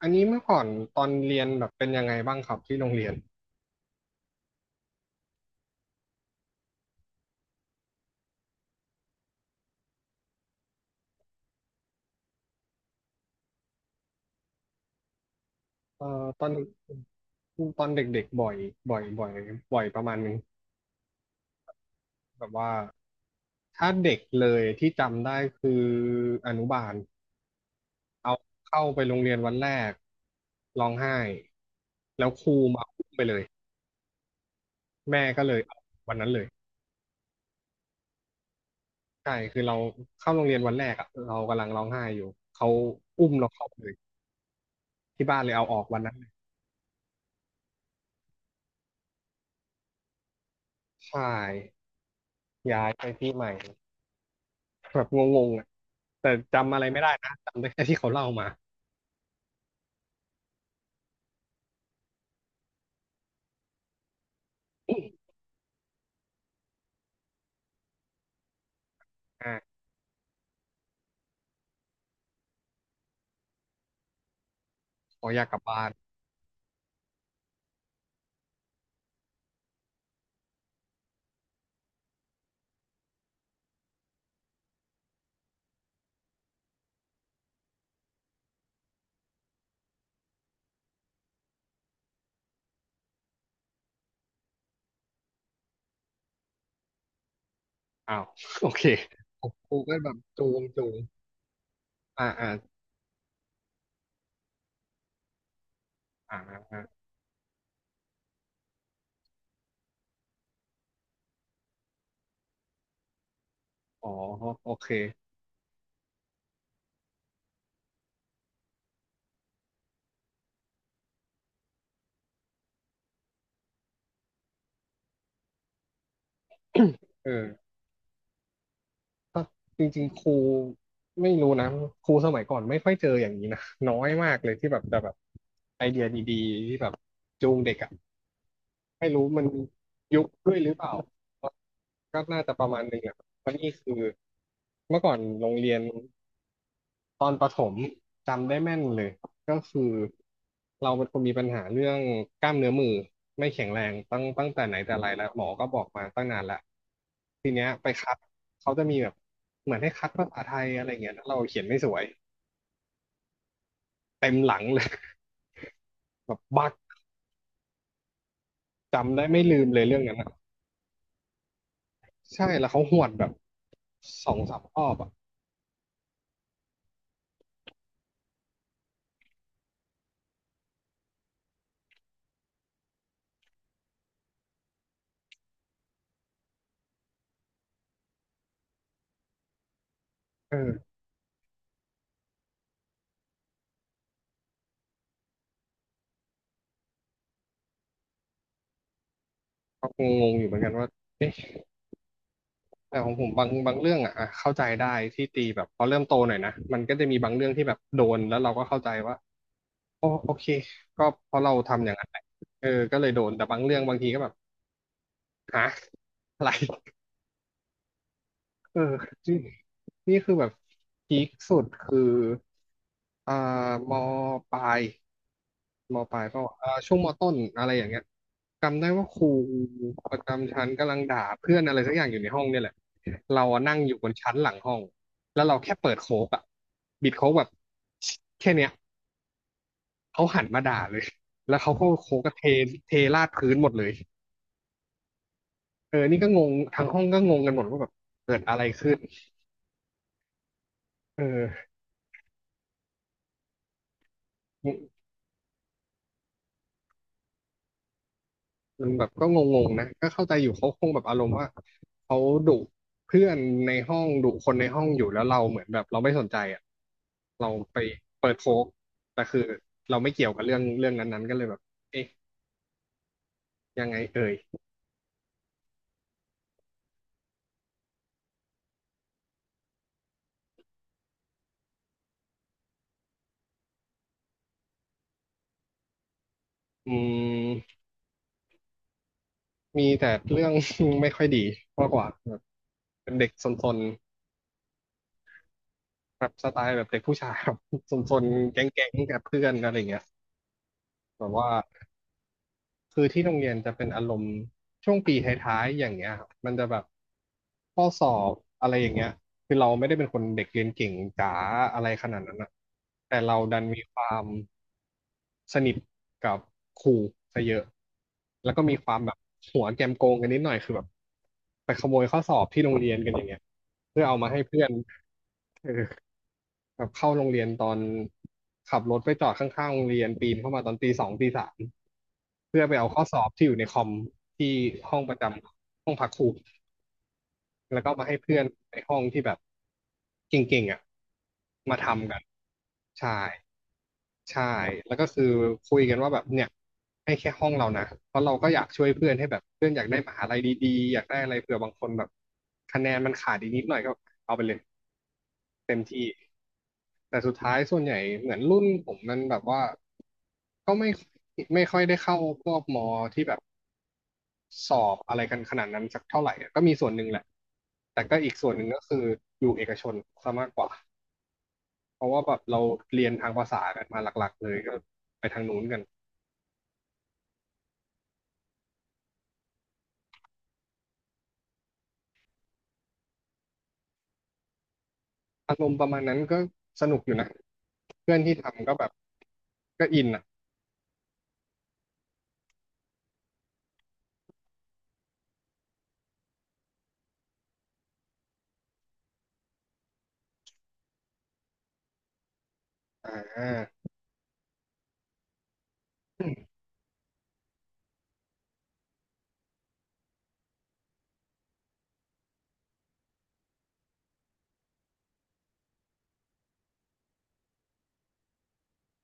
อันนี้เมื่อก่อนตอนเรียนแบบเป็นยังไงบ้างครับที่โรงเรียนเอ่อตอนตอนเด็กๆบ่อยบ่อยบ่อยประมาณนึงแบบว่าถ้าเด็กเลยที่จำได้คืออนุบาลเอาเข้าไปโรงเรียนวันแรกร้องไห้แล้วครูมาอุ้มไปเลยแม่ก็เลยเอาวันนั้นเลยใช่คือเราเข้าโรงเรียนวันแรกอะเรากำลังร้องไห้อยู่เขาอุ้มเราเข้าไปเลยที่บ้านเลยเอาออกวันนั้นเลยใช่ย้ายไปที่ใหม่ แบบงงๆอ่ะแต่จำอะไรไม่ได้นะจำได้แค่ที่เขาเล่ามาอมอ่าขออยากกลับบ้านอ้าว โอเคผมกูก็แบบจูงอ่าอ่าอ่าอ่าอ๋อโอเคเออก็จริงๆครูไม่รู้นะครูสมัยก่อนไม่ค่อยเจออย่างนี้นะน้อยมากเลยที่แบบจะแบบไอเดียดีๆที่แบบจูงเด็กอ่ะไม่รู้มันยุคด้วยหรือเปล่าก็น่าจะประมาณหนึ่งแหละเพราะนี่คือเมื่อก่อนโรงเรียน ตอนประถมจำได้แม่นเลยก็คือเราเป็นคนมีปัญหาเรื่องกล้ามเนื้อมือไม่แข็งแรงตั้งแต่ไหนแต่ไรแล้วหมอก็บอกมาตั้งนานแล้วทีเนี้ยไปคัดเขาจะมีแบบเหมือนให้คัดภาษาไทยอะไรเงี้ยแล้วเราเขียนไม่สวยเต็มหลังเลย แบบบักจำได้ไม่ลืมเลยเรื่องนั้นอะใช่แล้วเขาหวดแบบสองสามรอบอ่ะเออก็งงๆอยู่เหมือนกันว่าเอ๊ะ แต่ของผมบางเรื่องอ่ะเข้าใจได้ที่ตีแบบพอเริ่มโตหน่อยนะมันก็จะมีบางเรื่องที่แบบโดนแล้วเราก็เข้าใจว่าอ๋อโอเคก็เพราะเราทำอย่างนั้นแหละเออก็เลยโดนแต่บางเรื่องบางทีก็แบบฮะอะไร เออนี่นี่คือแบบพีคสุดคืออ่ามปลายมปลายเปล่าวะช่วงมต้นอะไรอย่างเงี้ยจำได้ว่าครูประจำชั้นกำลังด่าเพื่อนอะไรสักอย่างอยู่ในห้องเนี่ยแหละเราอะนั่งอยู่บนชั้นหลังห้องแล้วเราแค่เปิดโค้กอะบิดโค้กแบบแค่เนี้ยเขาหันมาด่าเลยแล้วเขาก็โค้กก็เทเทราดพื้นหมดเลยเออนี่ก็งงทั้งห้องก็งงกันหมดว่าแบบเกิดอะไรขึ้นเออ มันแบบก็งงๆนะก็เข้าใจอยู่เขาคงแบบอารมณ์ว่าเขาดุเพื่อนในห้องดุคนในห้องอยู่แล้วเราเหมือนแบบเราไม่สนใจอ่ะเราไปเปิดโฟกแต่คือเราไม่เกี่ยวกับเรื่องเรื่องนั้นๆก็เลยแบบเอ๊ะยังไงเอ่ยอืมมีแต่เรื่อง ไม่ค่อยดีมากกว่าแบบเป็นเด็กซนๆแบบสไตล์แบบเด็กผู้ชายแบบ ซนๆแก๊งๆกับเพื่อนอะไรเงี้ยแบบว่า คือที่โรงเรียนจะเป็นอารมณ์ช่วงปีท้ายๆอย่างเงี้ยครับมันจะแบบข้อสอบอะไรอย่างเงี้ยคือเราไม่ได้เป็นคนเด็กเรียนเก่งจ๋าอะไรขนาดนั้นอะแต่เราดันมีความสนิทกับครูซะเยอะแล้วก็มีความแบบหัวแกมโกงกันนิดหน่อยคือแบบไปขโมยข้อสอบที่โรงเรียนกันอย่างเงี้ยเพื่อเอามาให้เพื่อน เออ แบบเข้าโรงเรียนตอนขับรถไปจอดข้างๆโรงเรียนปีนเข้ามาตอนตีสองตีสามเพื่อไปเอาข้อสอบที่อยู่ในคอมที่ห้องประจำห้องพักครูแล้วก็มาให้เพื่อนในห้องที่แบบเก่งๆอ่ะมาทำกันใช่ใช่แล้วก็คือคุยกันว่าแบบเนี่ยให้แค่ห้องเรานะเพราะเราก็อยากช่วยเพื่อนให้แบบเพื่อนอยากได้มหาลัยดีๆอยากได้อะไรเผื่อบางคนแบบคะแนนมันขาดอีกนิดหน่อยก็เอาไปเลย แต่สุดท้ายส่วนใหญ่เหมือนรุ่นผมมันแบบว่าก็ไม่ค่อยได้เข้าพวกมอที่แบบสอบอะไรกันขนาดนั้นสักเท่าไหร่อะก็มีส่วนหนึ่งแหละแต่ก็อีกส่วนหนึ่งก็คืออยู่เอกชนซะมากกว่าเพราะว่าแบบเราเรียนทางภาษากันมาหลักๆเลยก็ไปทางนู้นกันอารมณ์ประมาณนั้นก็สนุกอยู่นะเพื่อนที่ทำก็แบบก็อินอ่ะอ่า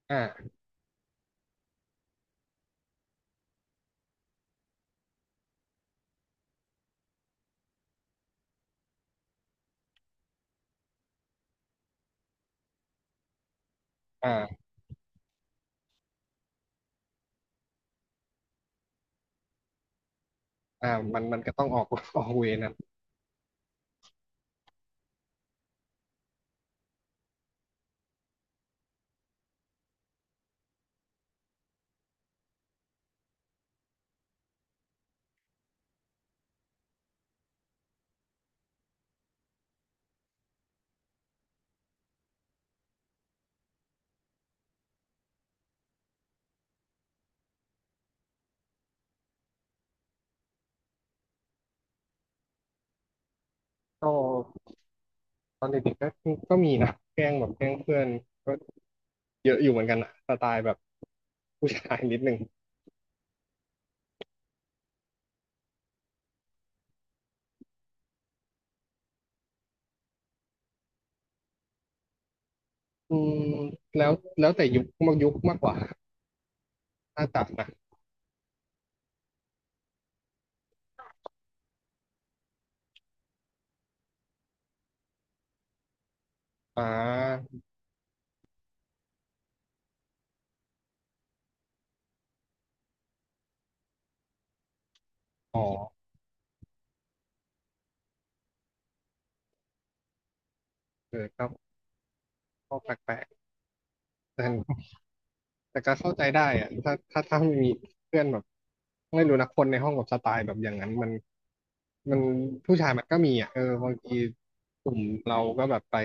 อ่าอ่าอ่ามันก็ต้องออก ออกเวรนะก็ ตอนเด็กๆก็มีนะแกล้งแบบแกล้งเพื่อนก็เยอะอยู่เหมือนกันอะสไตล์แบบผู้ชายนิดนึงอืมแล้วแล้วแต่ยุคมากกว่าถ้าจับนะอ่าอ๋อเออก็ก็แปลกๆแต่แต่ก็เข้าใจได้อะถ้ามีเพื่อนแบบไม่รู้นะคนในห้องแบบสไตล์แบบอย่างนั้นมันผู้ชายมันก็มีอ่ะเออบางทีกลุ่มเราก็แบบไป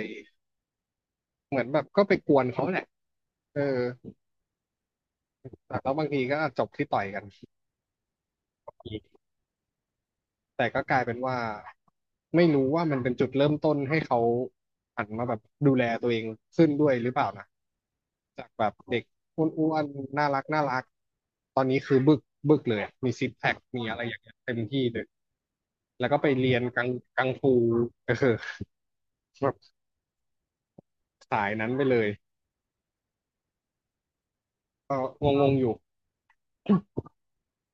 เหมือนแบบก็ไปกวนเขาแหละเออแต่แล้วบางทีก็จบที่ต่อยกัน แต่ก็กลายเป็นว่าไม่รู้ว่ามันเป็นจุดเริ่มต้นให้เขาหันมาแบบดูแลตัวเองขึ้นด้วยหรือเปล่านะจากแบบเด็กอ้วนๆน่ารักน่ารักตอนนี้คือบึกบึกเลยอะมีซิกแพคมีอะไรอย่างเงี้ยเต็มที่เลยแล้วก็ไปเรียนกังฟูเออแบบสายนั้นไปเลยก็งงๆอยู่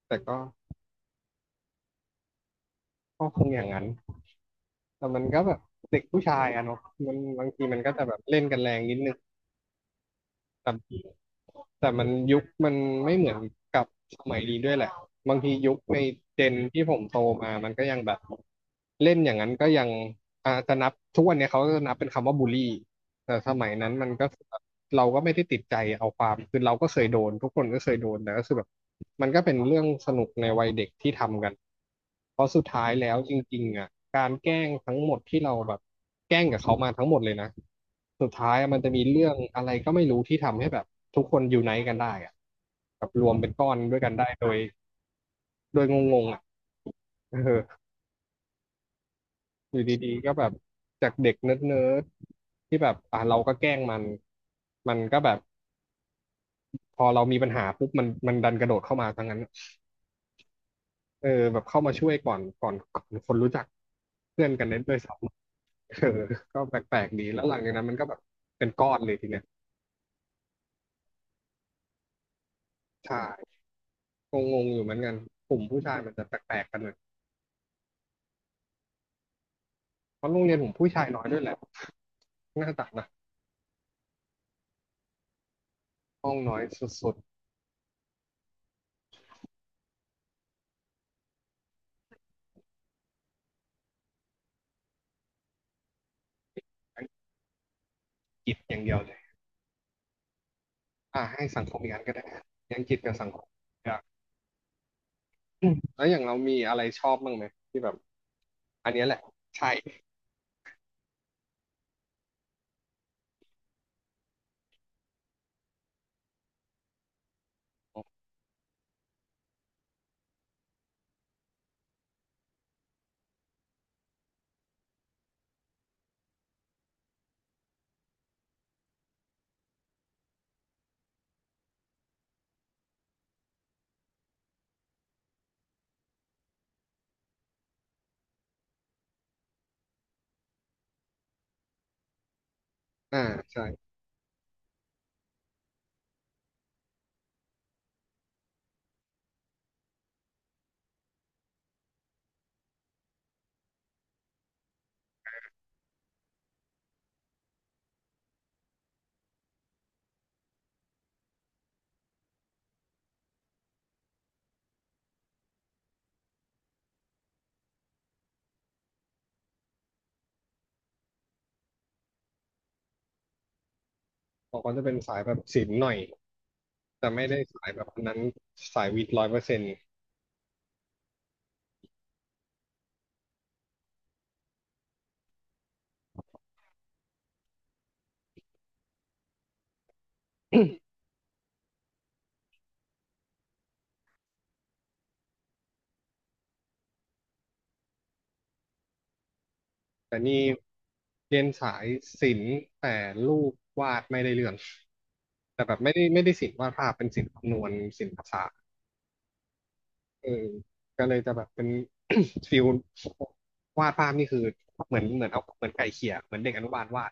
แต่ก็ก็คงอย่างนั้นแต่มันก็แบบเด็กผู้ชายอะเนาะมันบางทีมันก็จะแบบเล่นกันแรงนิดนึง แต่แต่มันยุคมันไม่เหมือนกับสมัยนี้ด้วยแหละบางทียุคในเจนที่ผมโตมามันก็ยังแบบเล่นอย่างนั้นก็ยังอาจจะนับทุกวันเนี้ยเขาก็จะนับเป็นคำว่าบูลลี่ แต่สมัยนั้นมันก็คือแบบเราก็ไม่ได้ติดใจเอาความคือเราก็เคยโดนทุกคนก็เคยโดนแต่ก็คือแบบมันก็เป็นเรื่องสนุกในวัยเด็กที่ทำกันเพราะสุดท้ายแล้วจริงๆอ่ะการแกล้งทั้งหมดที่เราแบบแกล้งกับเขามาทั้งหมดเลยนะสุดท้ายมันจะมีเรื่องอะไรก็ไม่รู้ที่ทำให้แบบทุกคนอยู่ไนต์กันได้อ่ะแบบรวมเป็นก้อนด้วยกันได้โดยงงๆอ่ะเอออยู่ดีๆก็แบบจากเด็กเนิร์ดๆที่แบบอ่ะเราก็แกล้งมันมันก็แบบ พอเรามีปัญหาปุ๊บมันดันกระโดดเข้ามาทั้งนั้นเออแบบเข้ามาช่วยก่อนคนรู้จักเพื่อนกันเน้นด้วยซ้ำเออก็แปลกๆดีแล้วหลังจากนั้นมันก็แบบเป็นก้อนเลยทีเนี้ยใช่งงๆอยู่เหมือนกันกลุ่มผู้ชายมันจะแปลกๆกันเลยเพราะโรงเรียนผมผู้ชายน้อยด้วยแหละน่าจะนะห้องน้อยสุดๆอังกฤษอย่างเดียวเลยอ่าให้สังคมอีกอันก็ได้อังกฤษกับสังคมอยากแล้วอย่างเรามีอะไรชอบบ้างไหมที่แบบอันเนี้ยแหละใช่อ่าใช่บอกว่าจะเป็นสายแบบศิลป์หน่อย แต่ไม่ได้สายแบบนั้นสายวิทย์100%แต่นี่เรียนสายศิลป์แต่รูปวาดไม่ได้เรื่องแต่แบบไม่ได้ศิลป์วาดภาพเป็นศิลป์คำนวณศิลป์ภาษาสตร์เออก็เลยจะแบบเป็น ฟิลวาดภาพนี่คือเหมือนเอาเหมือนไก่เขี่ยเหมือนเด็กอนุบาลวาด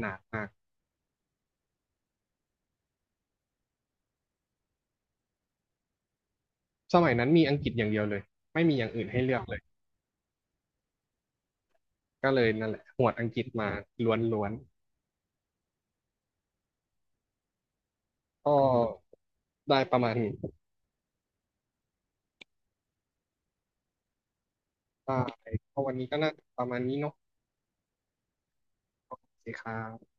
หนักมากสมัยนั้นมีอังกฤษอย่างเดียวเลยไม่มีอย่างอื่นให้เลือกเลยก็เลยนั่นแหละหวดอังกฤษมาล้วนๆก็ได้ประมาณนี้ได้ก็วันนี้ก็น่าจะประมาณนี้เนาะ สวัสดีครับ